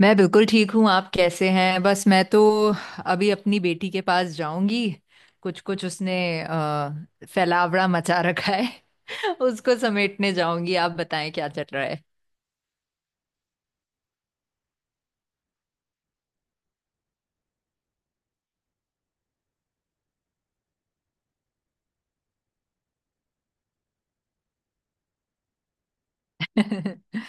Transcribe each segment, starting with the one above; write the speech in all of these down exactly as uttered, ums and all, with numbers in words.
मैं बिल्कुल ठीक हूँ। आप कैसे हैं? बस मैं तो अभी अपनी बेटी के पास जाऊंगी। कुछ कुछ उसने अ, फैलावड़ा मचा रखा है उसको समेटने जाऊंगी। आप बताएं क्या चल रहा है।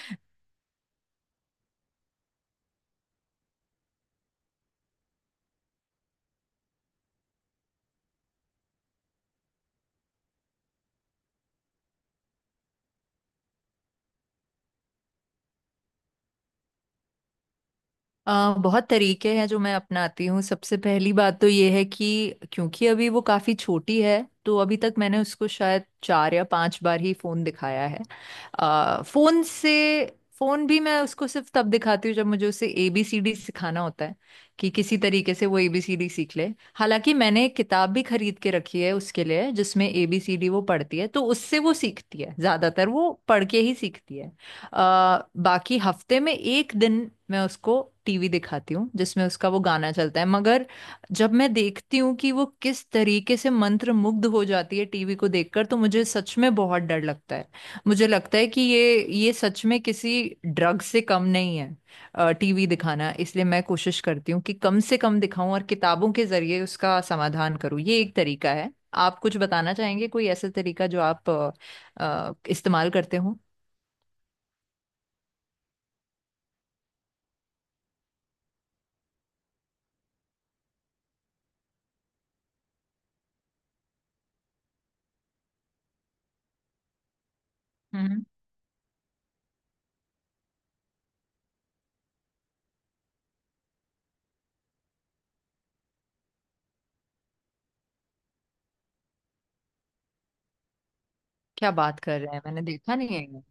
अ, बहुत तरीके हैं जो मैं अपनाती हूँ। सबसे पहली बात तो ये है कि क्योंकि अभी वो काफ़ी छोटी है, तो अभी तक मैंने उसको शायद चार या पांच बार ही फ़ोन दिखाया है। अ, फ़ोन से फ़ोन भी मैं उसको सिर्फ तब दिखाती हूँ जब मुझे उसे एबीसीडी सिखाना होता है, कि किसी तरीके से वो एबीसीडी सीख ले। हालांकि मैंने एक किताब भी खरीद के रखी है उसके लिए, जिसमें एबीसीडी वो पढ़ती है, तो उससे वो सीखती है, ज़्यादातर वो पढ़ के ही सीखती है। आ, बाकी हफ्ते में एक दिन मैं उसको टीवी दिखाती हूँ जिसमें उसका वो गाना चलता है। मगर जब मैं देखती हूँ कि वो किस तरीके से मंत्र मुग्ध हो जाती है टीवी को देखकर, तो मुझे सच में बहुत डर लगता है। मुझे लगता है कि ये ये सच में किसी ड्रग से कम नहीं है टीवी दिखाना, इसलिए मैं कोशिश करती हूँ कि कम से कम दिखाऊं, और किताबों के जरिए उसका समाधान करूँ। ये एक तरीका है। आप कुछ बताना चाहेंगे, कोई ऐसा तरीका जो आप अ, अ, इस्तेमाल करते हो? क्या बात कर रहे हैं! मैंने देखा नहीं है ये।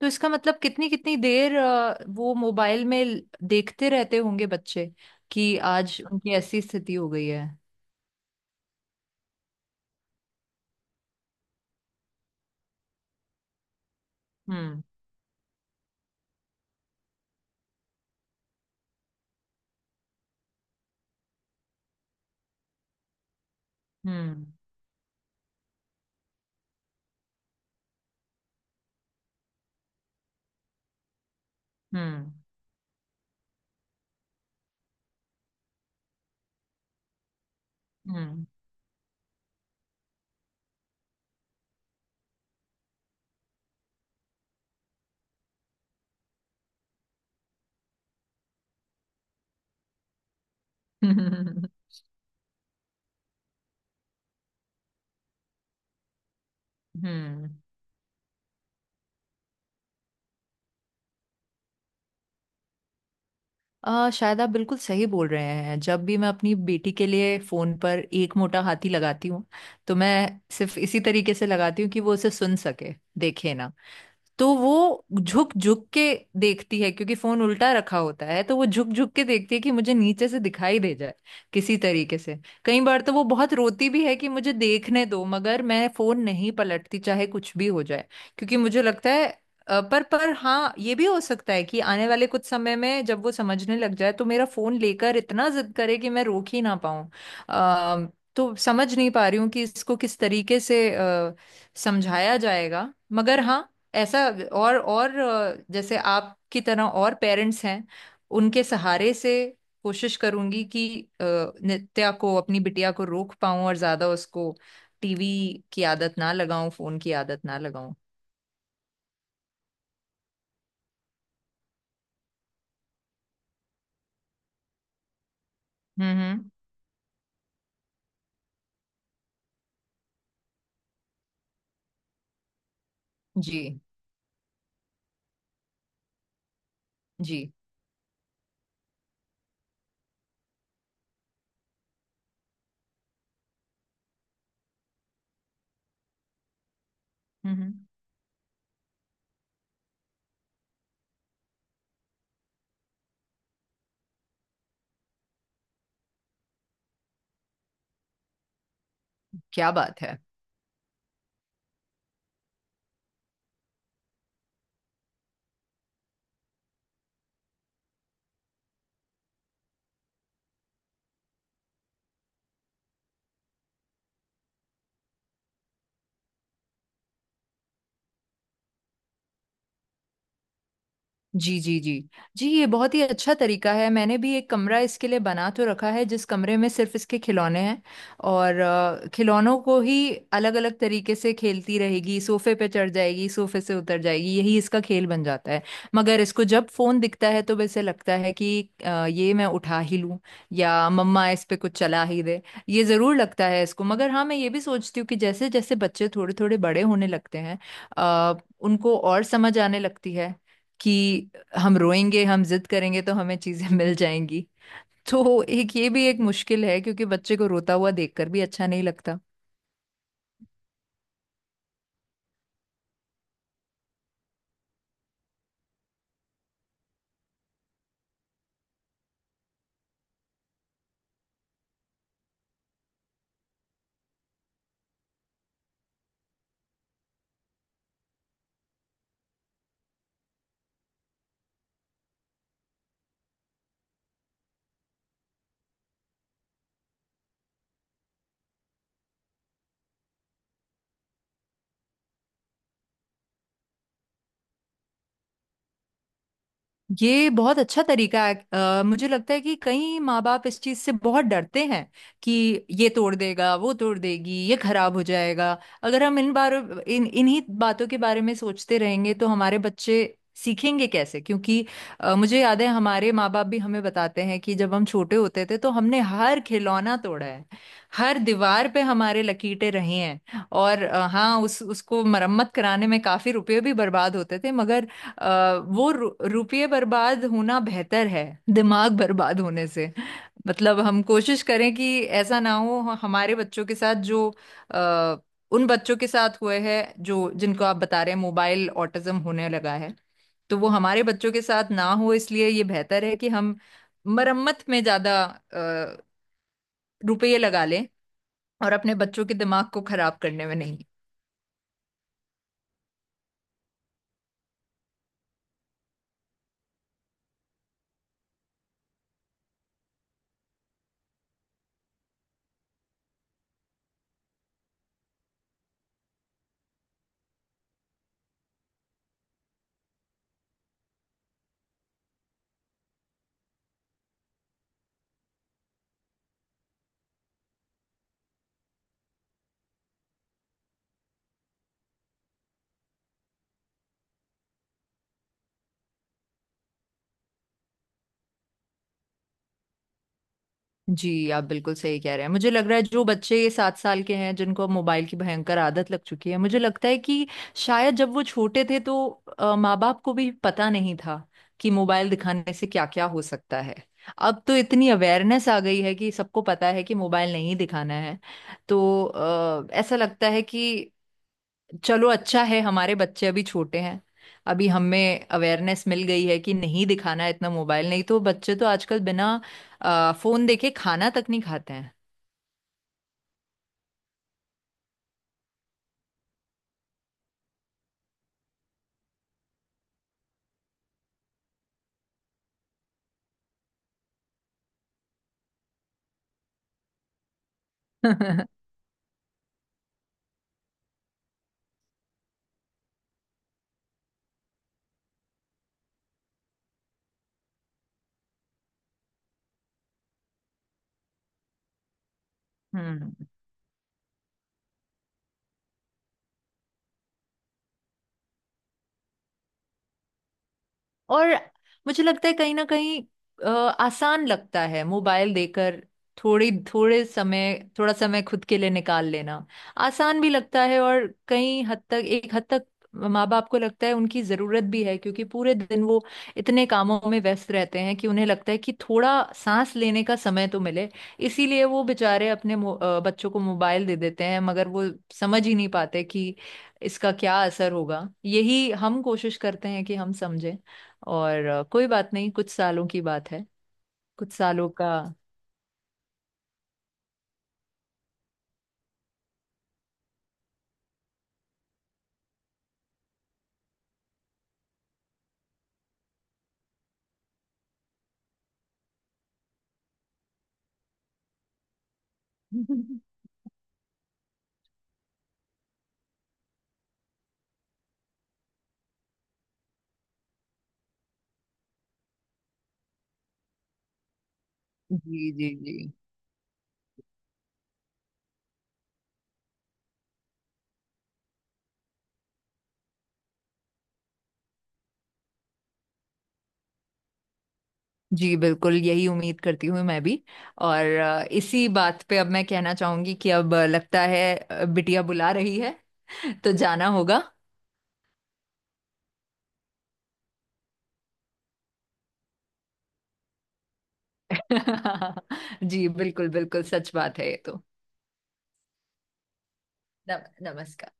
तो इसका मतलब कितनी कितनी देर अ, वो मोबाइल में ल- देखते रहते होंगे बच्चे, कि आज उनकी ऐसी स्थिति हो गई है? हम्म। हम्म। हम्म। हम्म। हम्म। आ, शायद आप बिल्कुल सही बोल रहे हैं। जब भी मैं अपनी बेटी के लिए फोन पर एक मोटा हाथी लगाती हूँ, तो मैं सिर्फ इसी तरीके से लगाती हूँ कि वो उसे सुन सके, देखे ना। तो वो झुक झुक के देखती है, क्योंकि फोन उल्टा रखा होता है, तो वो झुक झुक के देखती है कि मुझे नीचे से दिखाई दे जाए किसी तरीके से। कई बार तो वो बहुत रोती भी है कि मुझे देखने दो, मगर मैं फोन नहीं पलटती चाहे कुछ भी हो जाए, क्योंकि मुझे लगता है अ, पर पर हाँ, ये भी हो सकता है कि आने वाले कुछ समय में जब वो समझने लग जाए तो मेरा फोन लेकर इतना जिद करे कि मैं रोक ही ना पाऊं। अ, तो समझ नहीं पा रही हूँ कि इसको किस तरीके से अ, समझाया जाएगा। मगर हाँ, ऐसा और और अ, जैसे आपकी तरह और पेरेंट्स हैं, उनके सहारे से कोशिश करूंगी कि अ, नित्या को, अपनी बिटिया को रोक पाऊं, और ज्यादा उसको टीवी की आदत ना लगाऊं, फोन की आदत ना लगाऊं। हम्म। हम्म। जी, जी। हम्म। हम्म। क्या बात है! जी, जी, जी। जी, ये बहुत ही अच्छा तरीका है। मैंने भी एक कमरा इसके लिए बना तो रखा है जिस कमरे में सिर्फ इसके खिलौने हैं, और अ, खिलौनों को ही अलग अलग तरीके से खेलती रहेगी। सोफे पे चढ़ जाएगी, सोफे से उतर जाएगी, यही इसका खेल बन जाता है। मगर इसको जब फोन दिखता है तो वैसे लगता है कि अ, ये मैं उठा ही लूं, या मम्मा इस पे कुछ चला ही दे, ये जरूर लगता है इसको। मगर हाँ, मैं ये भी सोचती हूँ कि जैसे जैसे बच्चे थोड़े थोड़े बड़े होने लगते हैं अ, उनको और समझ आने लगती है कि हम रोएंगे, हम जिद करेंगे, तो हमें चीजें मिल जाएंगी। तो एक ये भी एक मुश्किल है, क्योंकि बच्चे को रोता हुआ देखकर भी अच्छा नहीं लगता। ये बहुत अच्छा तरीका है। अ, मुझे लगता है कि कई माँ बाप इस चीज से बहुत डरते हैं कि ये तोड़ देगा, वो तोड़ देगी, ये खराब हो जाएगा। अगर हम इन बार इन इन्हीं बातों के बारे में सोचते रहेंगे तो हमारे बच्चे सीखेंगे कैसे? क्योंकि अ, मुझे याद है हमारे माँ बाप भी हमें बताते हैं कि जब हम छोटे होते थे तो हमने हर खिलौना तोड़ा है, हर दीवार पे हमारे लकीरें रही हैं। और अ, हाँ, उस उसको मरम्मत कराने में काफी रुपए भी बर्बाद होते थे। मगर अ, वो रु, रुपये बर्बाद होना बेहतर है दिमाग बर्बाद होने से। मतलब हम कोशिश करें कि ऐसा ना हो ह- हमारे बच्चों के साथ जो अ, उन बच्चों के साथ हुए हैं, जो जिनको आप बता रहे हैं, मोबाइल ऑटिज्म होने लगा है। तो वो हमारे बच्चों के साथ ना हो, इसलिए ये बेहतर है कि हम मरम्मत में ज्यादा अ, रुपये लगा लें, और अपने बच्चों के दिमाग को खराब करने में नहीं। जी, आप बिल्कुल सही कह रहे हैं। मुझे लग रहा है जो बच्चे ये सात साल के हैं जिनको अब मोबाइल की भयंकर आदत लग चुकी है, मुझे लगता है कि शायद जब वो छोटे थे तो अ, माँ बाप को भी पता नहीं था कि मोबाइल दिखाने से क्या क्या हो सकता है। अब तो इतनी अवेयरनेस आ गई है कि सबको पता है कि मोबाइल नहीं दिखाना है। तो आ, ऐसा लगता है कि चलो अच्छा है, हमारे बच्चे अभी छोटे हैं, अभी हमें अवेयरनेस मिल गई है कि नहीं दिखाना है इतना मोबाइल। नहीं तो बच्चे तो आजकल बिना आ, फोन देखे खाना तक नहीं खाते हैं। हम्म। और मुझे लगता है कहीं ना कहीं अ, आसान लगता है मोबाइल देकर थोड़ी थोड़े समय थोड़ा समय खुद के लिए निकाल लेना। आसान भी लगता है, और कहीं हद तक, एक हद तक माँ बाप को लगता है उनकी जरूरत भी है, क्योंकि पूरे दिन वो इतने कामों में व्यस्त रहते हैं कि उन्हें लगता है कि थोड़ा सांस लेने का समय तो मिले। इसीलिए वो बेचारे अपने मो- अ, बच्चों को मोबाइल दे देते हैं, मगर वो समझ ही नहीं पाते कि इसका क्या असर होगा। यही हम कोशिश करते हैं कि हम समझें। और अ, कोई बात नहीं, कुछ सालों की बात है। कुछ सालों का जी, जी। जी, जी बिल्कुल यही उम्मीद करती हूँ मैं भी। और अ, इसी बात पे अब मैं कहना चाहूंगी कि अब अ, लगता है अ, बिटिया बुला रही है तो जाना होगा। जी, बिल्कुल। बिल्कुल सच बात है ये तो। नम, नमस्कार।